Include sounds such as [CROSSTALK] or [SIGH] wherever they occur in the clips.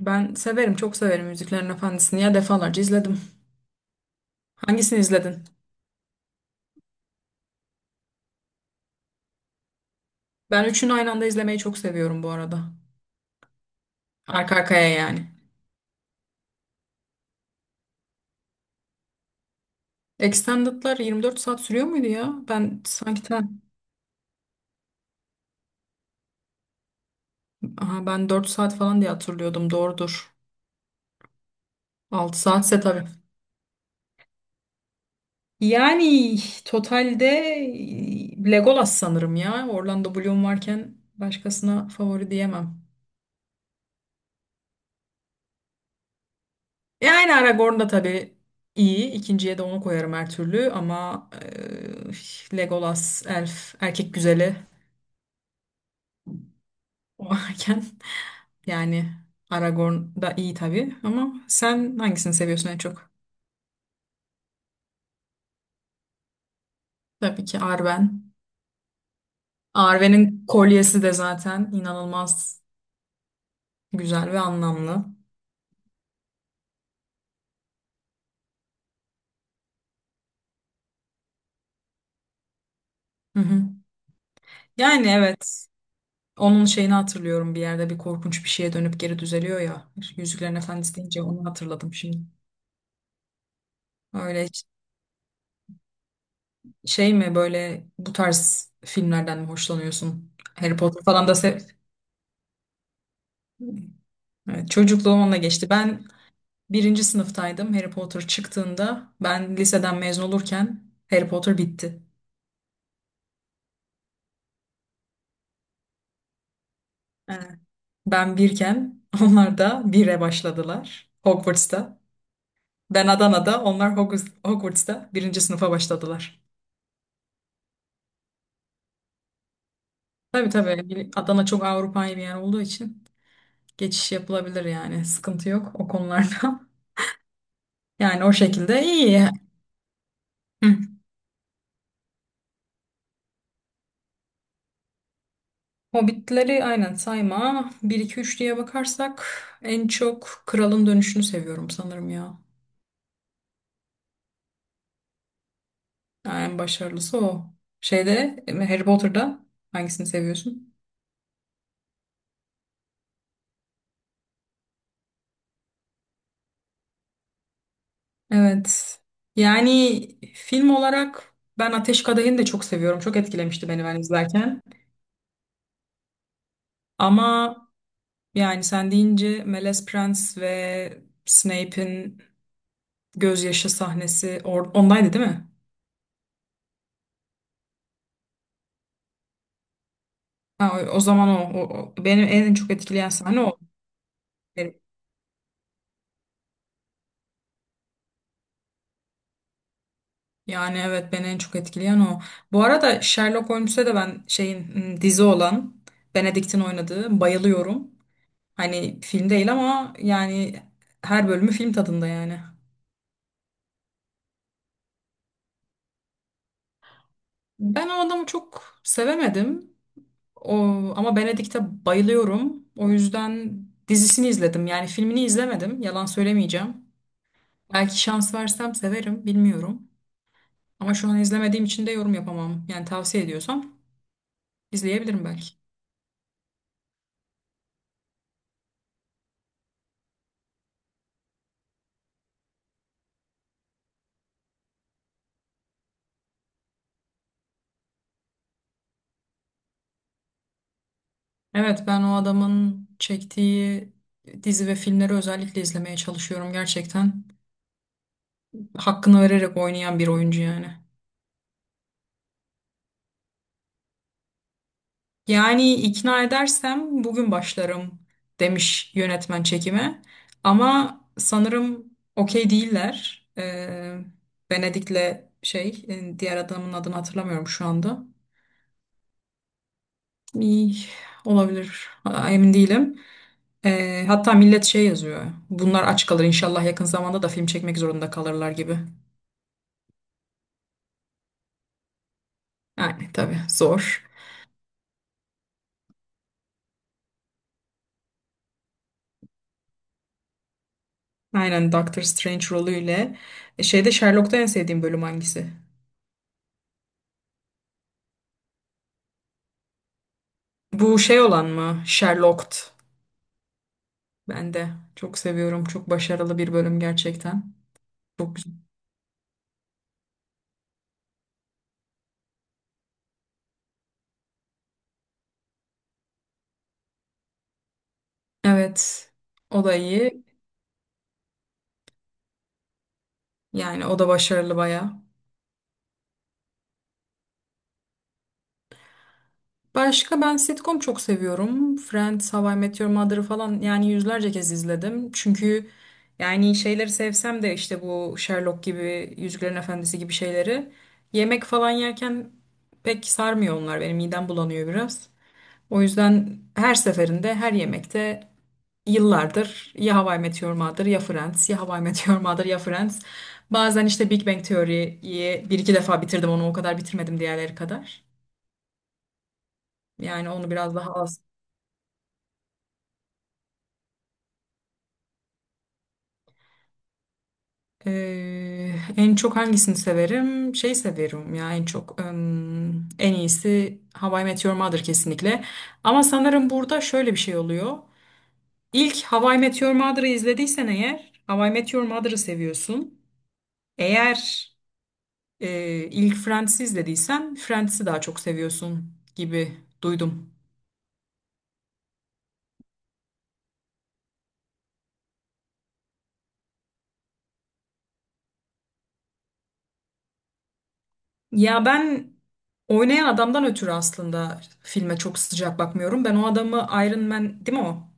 Ben severim, çok severim Müziklerin Efendisi'ni. Ya defalarca izledim. Hangisini izledin? Ben üçünü aynı anda izlemeyi çok seviyorum bu arada. Arka arkaya yani. Extended'lar 24 saat sürüyor muydu ya? Aha, ben 4 saat falan diye hatırlıyordum. Doğrudur. 6 saatse tabii. Yani totalde Legolas sanırım ya. Orlando Bloom varken başkasına favori diyemem. E aynı Aragorn da tabii iyi. İkinciye de onu koyarım her türlü ama Legolas elf erkek güzeli o [LAUGHS] varken yani Aragorn da iyi tabii ama sen hangisini seviyorsun en çok? Tabii ki Arwen. Arwen'in kolyesi de zaten inanılmaz güzel ve anlamlı. Hı hı. Yani evet, onun şeyini hatırlıyorum, bir yerde bir korkunç bir şeye dönüp geri düzeliyor ya. Yüzüklerin Efendisi deyince onu hatırladım şimdi. Öyle. Şey mi, böyle bu tarz filmlerden mi hoşlanıyorsun? Harry Potter falan da sev. Evet, çocukluğum onunla geçti. Ben birinci sınıftaydım Harry Potter çıktığında. Ben liseden mezun olurken Harry Potter bitti. Evet. Ben birken [LAUGHS] onlar da bire başladılar Hogwarts'ta. Ben Adana'da, onlar Hogwarts'ta birinci sınıfa başladılar. Tabii tabii, Adana çok Avrupa'yı bir yer olduğu için geçiş yapılabilir yani, sıkıntı yok o konularda. [LAUGHS] Yani o şekilde iyi. Hı. Hobbitleri aynen sayma. Bir iki üç diye bakarsak en çok Kralın Dönüşü'nü seviyorum sanırım ya. Ha, en başarılısı o. Şeyde, Harry Potter'da hangisini seviyorsun? Evet. Yani film olarak ben Ateş Kadehi'ni de çok seviyorum. Çok etkilemişti beni ben izlerken. Ama yani sen deyince Melez Prens ve Snape'in gözyaşı sahnesi ondaydı değil mi? Ha, o, o zaman o, o- o- benim en çok etkileyen sahne o. Yani evet, beni en çok etkileyen o. Bu arada Sherlock Holmes'e de ben dizi olan Benedict'in oynadığı bayılıyorum. Hani film değil ama yani her bölümü film tadında yani. Ben o adamı çok sevemedim. O, ama Benedict'e bayılıyorum. O yüzden dizisini izledim. Yani filmini izlemedim. Yalan söylemeyeceğim. Belki şans versem severim, bilmiyorum. Ama şu an izlemediğim için de yorum yapamam. Yani tavsiye ediyorsam izleyebilirim belki. Evet, ben o adamın çektiği dizi ve filmleri özellikle izlemeye çalışıyorum gerçekten. Hakkını vererek oynayan bir oyuncu yani. Yani ikna edersem bugün başlarım demiş yönetmen çekime. Ama sanırım okey değiller. Venedik'le diğer adamın adını hatırlamıyorum şu anda. İyi, olabilir. Ha, emin değilim. Hatta millet şey yazıyor. Bunlar aç kalır inşallah, yakın zamanda da film çekmek zorunda kalırlar gibi. Yani tabii zor. Aynen, Doctor Strange rolüyle. Şeyde Sherlock'ta en sevdiğim bölüm hangisi? Bu şey olan mı? Sherlocked. Ben de çok seviyorum. Çok başarılı bir bölüm gerçekten. Çok güzel. Evet. O da iyi. Yani o da başarılı bayağı. Başka ben sitcom çok seviyorum. Friends, How I Met Your Mother'ı falan yani yüzlerce kez izledim. Çünkü yani şeyleri sevsem de işte bu Sherlock gibi, Yüzüklerin Efendisi gibi şeyleri yemek falan yerken pek sarmıyor onlar. Benim midem bulanıyor biraz. O yüzden her seferinde, her yemekte yıllardır ya How I Met Your Mother ya Friends, ya How I Met Your Mother ya Friends. Bazen işte Big Bang Theory'yi bir iki defa bitirdim, onu o kadar bitirmedim diğerleri kadar. Yani onu biraz daha az. En çok hangisini severim? Şey severim ya en çok en iyisi How I Met Your Mother kesinlikle. Ama sanırım burada şöyle bir şey oluyor. İlk How I Met Your Mother'ı izlediysen eğer, How I Met Your Mother'ı seviyorsun. Eğer e, ilk Friends'i izlediysen Friends'i daha çok seviyorsun gibi duydum. Ya ben oynayan adamdan ötürü aslında filme çok sıcak bakmıyorum. Ben o adamı, Iron Man değil mi o?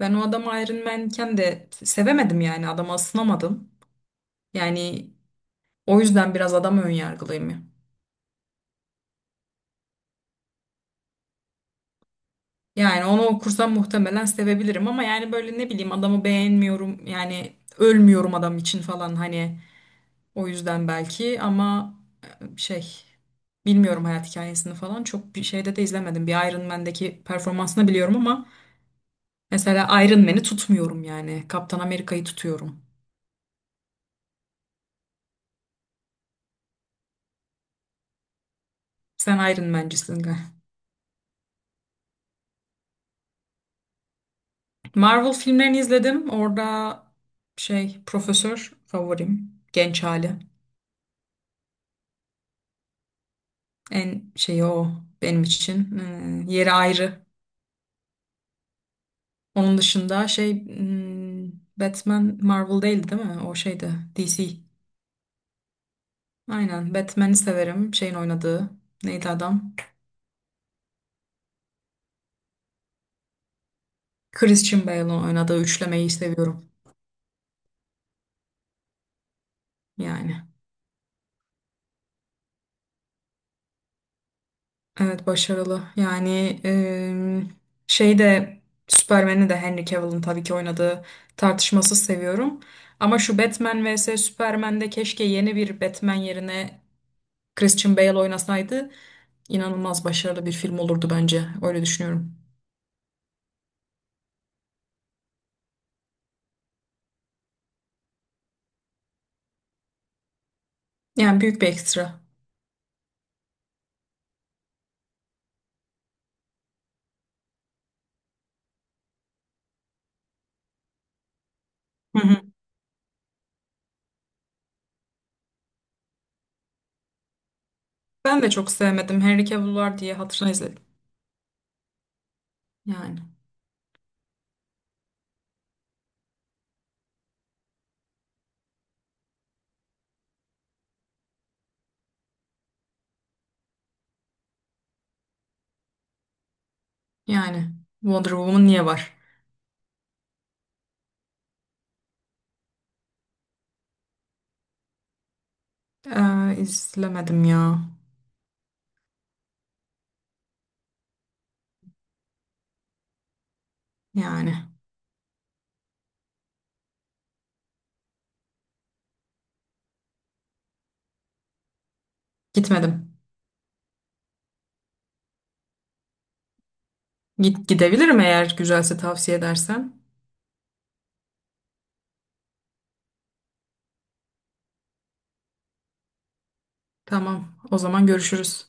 Ben o adamı Iron Man'ken de sevemedim, yani adama ısınamadım. Yani o yüzden biraz adam önyargılıyım. Yani onu okursam muhtemelen sevebilirim ama yani böyle ne bileyim, adamı beğenmiyorum yani, ölmüyorum adam için falan hani, o yüzden belki, ama şey bilmiyorum, hayat hikayesini falan çok bir şeyde de izlemedim. Bir Iron Man'deki performansını biliyorum ama mesela Iron Man'i tutmuyorum yani. Kaptan Amerika'yı tutuyorum. Sen Iron Man'cisin galiba. Marvel filmlerini izledim. Orada şey profesör favorim. Genç hali. En şeyi o benim için. Yeri ayrı. Onun dışında şey Batman Marvel değildi değil mi? O şeydi, DC. Aynen, Batman'i severim. Şeyin oynadığı neydi adam? Christian Bale'ın oynadığı üçlemeyi seviyorum. Yani. Evet, başarılı. Yani şey de Superman'i de Henry Cavill'ın tabii ki oynadığı tartışmasız seviyorum. Ama şu Batman vs Superman'de keşke yeni bir Batman yerine Christian Bale oynasaydı inanılmaz başarılı bir film olurdu bence. Öyle düşünüyorum. Yani büyük bir ekstra. Hı hı. Ben de çok sevmedim. Henry Cavill var diye hatırına izledim. Yani. Yani. Wonder Woman niye var? İzlemedim ya. Yani. Gitmedim. Git, gidebilirim eğer güzelse, tavsiye edersen. Tamam, o zaman görüşürüz.